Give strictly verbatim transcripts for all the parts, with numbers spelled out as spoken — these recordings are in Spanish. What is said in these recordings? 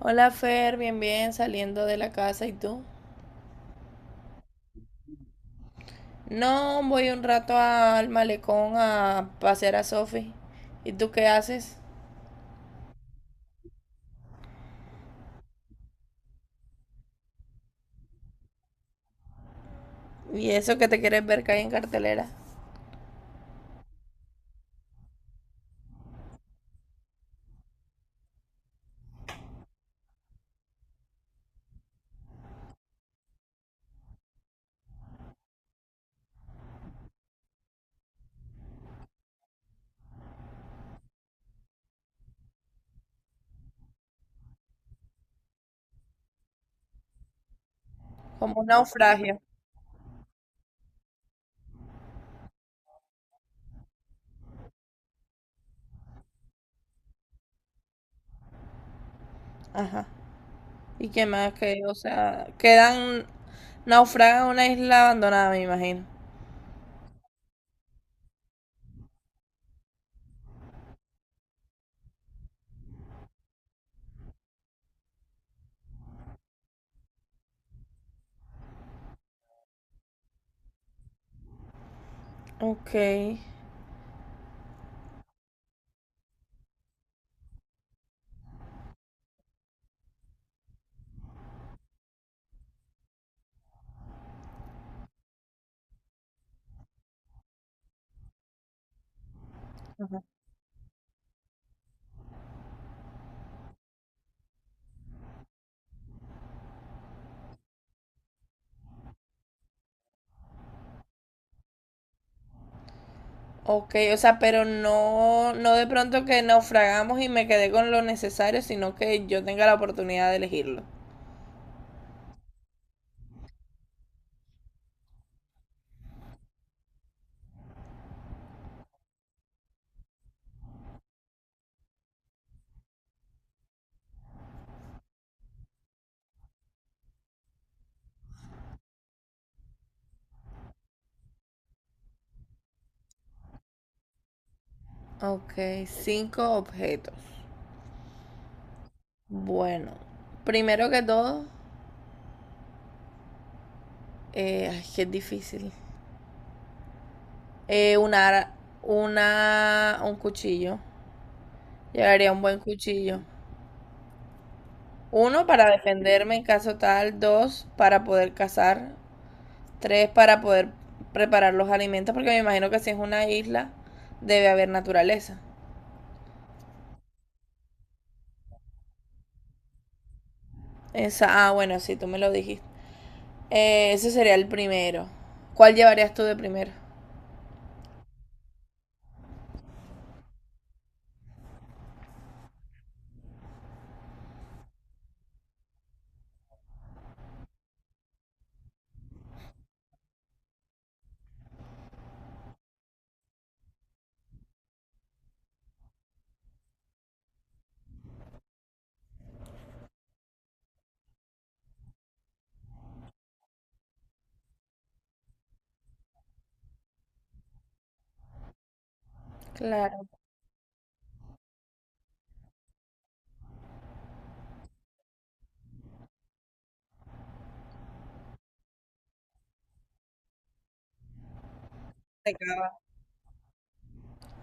Hola Fer, bien, bien, saliendo de la casa, ¿y tú? No, voy un rato al malecón a pasear a Sofi. ¿Y tú qué haces? Y eso que te quieres ver caer en cartelera, como un naufragio. Ajá. ¿Y qué más que, o sea, quedan naufragan en una isla abandonada, me imagino? Ok, ok, o sea, pero no, no de pronto que naufragamos y me quedé con lo necesario, sino que yo tenga la oportunidad de elegirlo. Ok, cinco objetos. Bueno, primero que todo, eh, ay, que es difícil. Eh, una, ara- una, un cuchillo. Llevaría un buen cuchillo. Uno, para defenderme en caso tal. Dos, para poder cazar. Tres, para poder preparar los alimentos, porque me imagino que si es una isla, debe haber naturaleza. Esa, ah, bueno, sí, tú me lo dijiste. Eh, ese sería el primero. ¿Cuál llevarías tú de primero? Claro,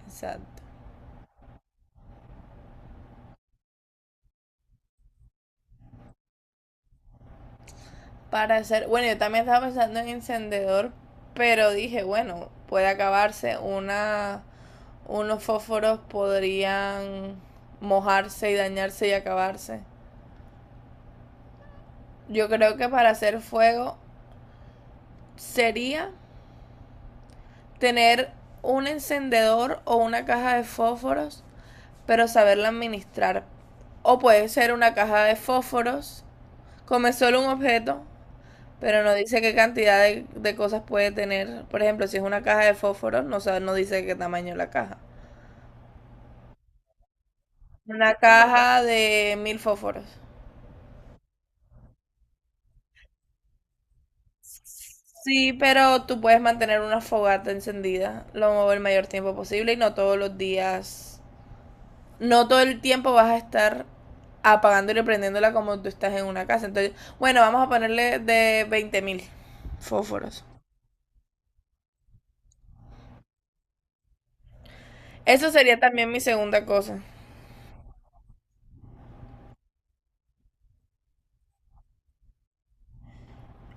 exacto. para hacer. Bueno, yo también estaba pensando en encendedor, pero dije, bueno, puede acabarse. Una, unos fósforos podrían mojarse y dañarse y acabarse. Yo creo que para hacer fuego sería tener un encendedor o una caja de fósforos, pero saberla administrar. O puede ser una caja de fósforos, come solo un objeto. Pero no dice qué cantidad de, de cosas puede tener. Por ejemplo, si es una caja de fósforos, no, sabe- no dice qué tamaño es la caja. Una caja de mil fósforos. Sí, pero tú puedes mantener una fogata encendida lo el mayor tiempo posible y no todos los días, no todo el tiempo vas a estar apagándola y prendiéndola como tú estás en una casa. Entonces, bueno, vamos a ponerle de veinte mil fósforos. Eso sería también mi segunda cosa.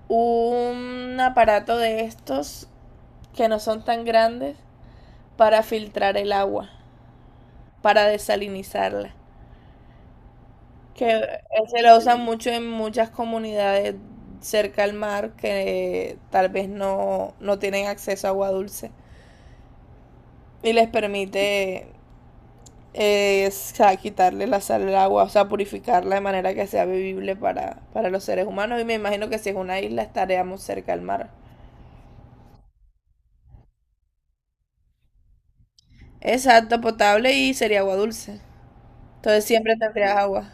Un aparato de estos que no son tan grandes para filtrar el agua, para desalinizarla. Que se lo usan mucho en muchas comunidades cerca al mar que tal vez no, no tienen acceso a agua dulce y les permite eh, o sea, quitarle la sal al agua, o sea, purificarla de manera que sea vivible para, para los seres humanos. Y me imagino que si es una isla estaríamos cerca al mar. Exacto, potable y sería agua dulce. Entonces siempre tendrías agua.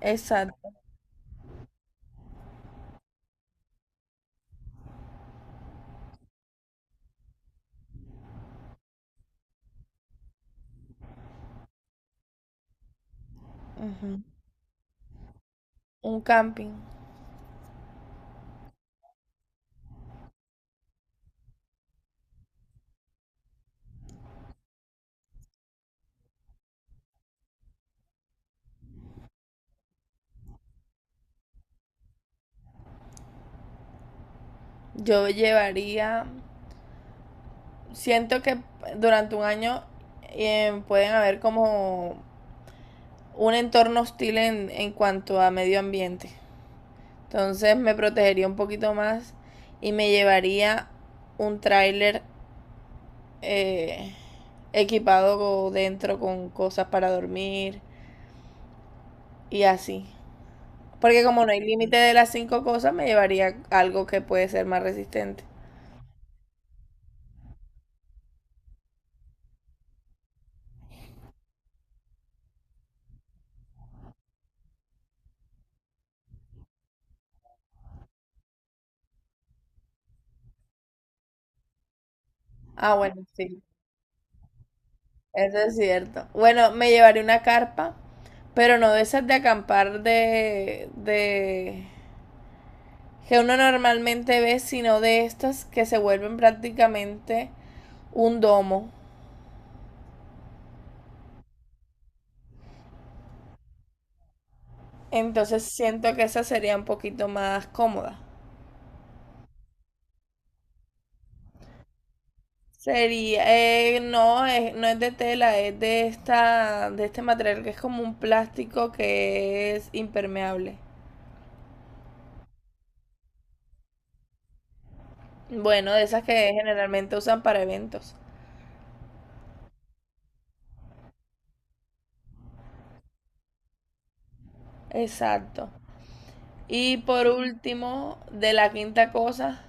Exacto. Ujú. Un camping. Yo llevaría, siento que durante un año eh, pueden haber como un entorno hostil en, en cuanto a medio ambiente. Entonces me protegería un poquito más y me llevaría un tráiler, eh, equipado dentro con cosas para dormir y así. Porque como no hay límite de las cinco cosas, me llevaría algo que puede ser más resistente. Ah, bueno, sí. Eso es cierto. Bueno, me llevaré una carpa, pero no de esas de acampar de, de que uno normalmente ve, sino de estas que se vuelven prácticamente un domo. Entonces siento que esa sería un poquito más cómoda. Sería, eh, no, es, no es de tela, es de esta, de este material que es como un plástico que es impermeable. Bueno, de esas que generalmente usan para eventos. Exacto. Y por último, de la quinta cosa,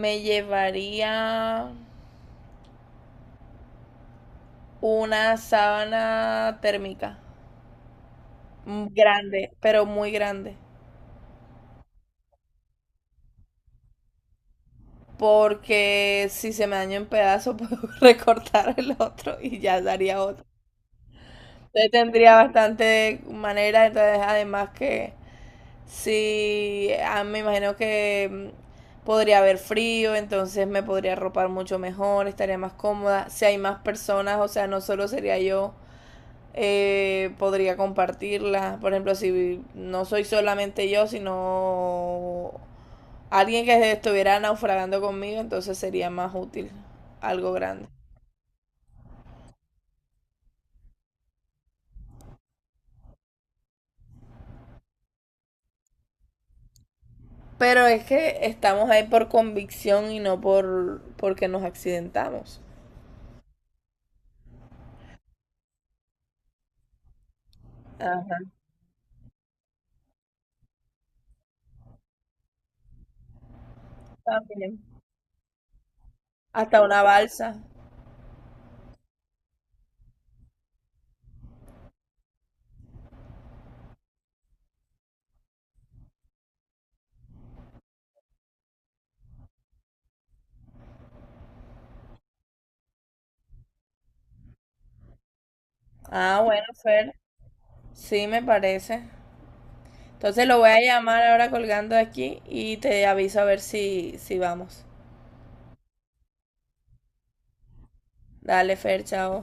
me llevaría una sábana térmica. mm, Grande, pero muy grande. Porque si se me daña en pedazos, puedo recortar el otro y ya daría otro. Entonces tendría bastante manera. Entonces, además que si ah, me imagino que mm, podría haber frío, entonces me podría arropar mucho mejor, estaría más cómoda. Si hay más personas, o sea, no solo sería yo, eh, podría compartirla. Por ejemplo, si no soy solamente yo, sino alguien que estuviera naufragando conmigo, entonces sería más útil algo grande. Pero es que estamos ahí por convicción y no por porque nos accidentamos. Ajá, también. Hasta una balsa. Ah, bueno, Fer. Sí, me parece. Entonces lo voy a llamar ahora colgando aquí y te aviso a ver si, si vamos. Dale, Fer, chao.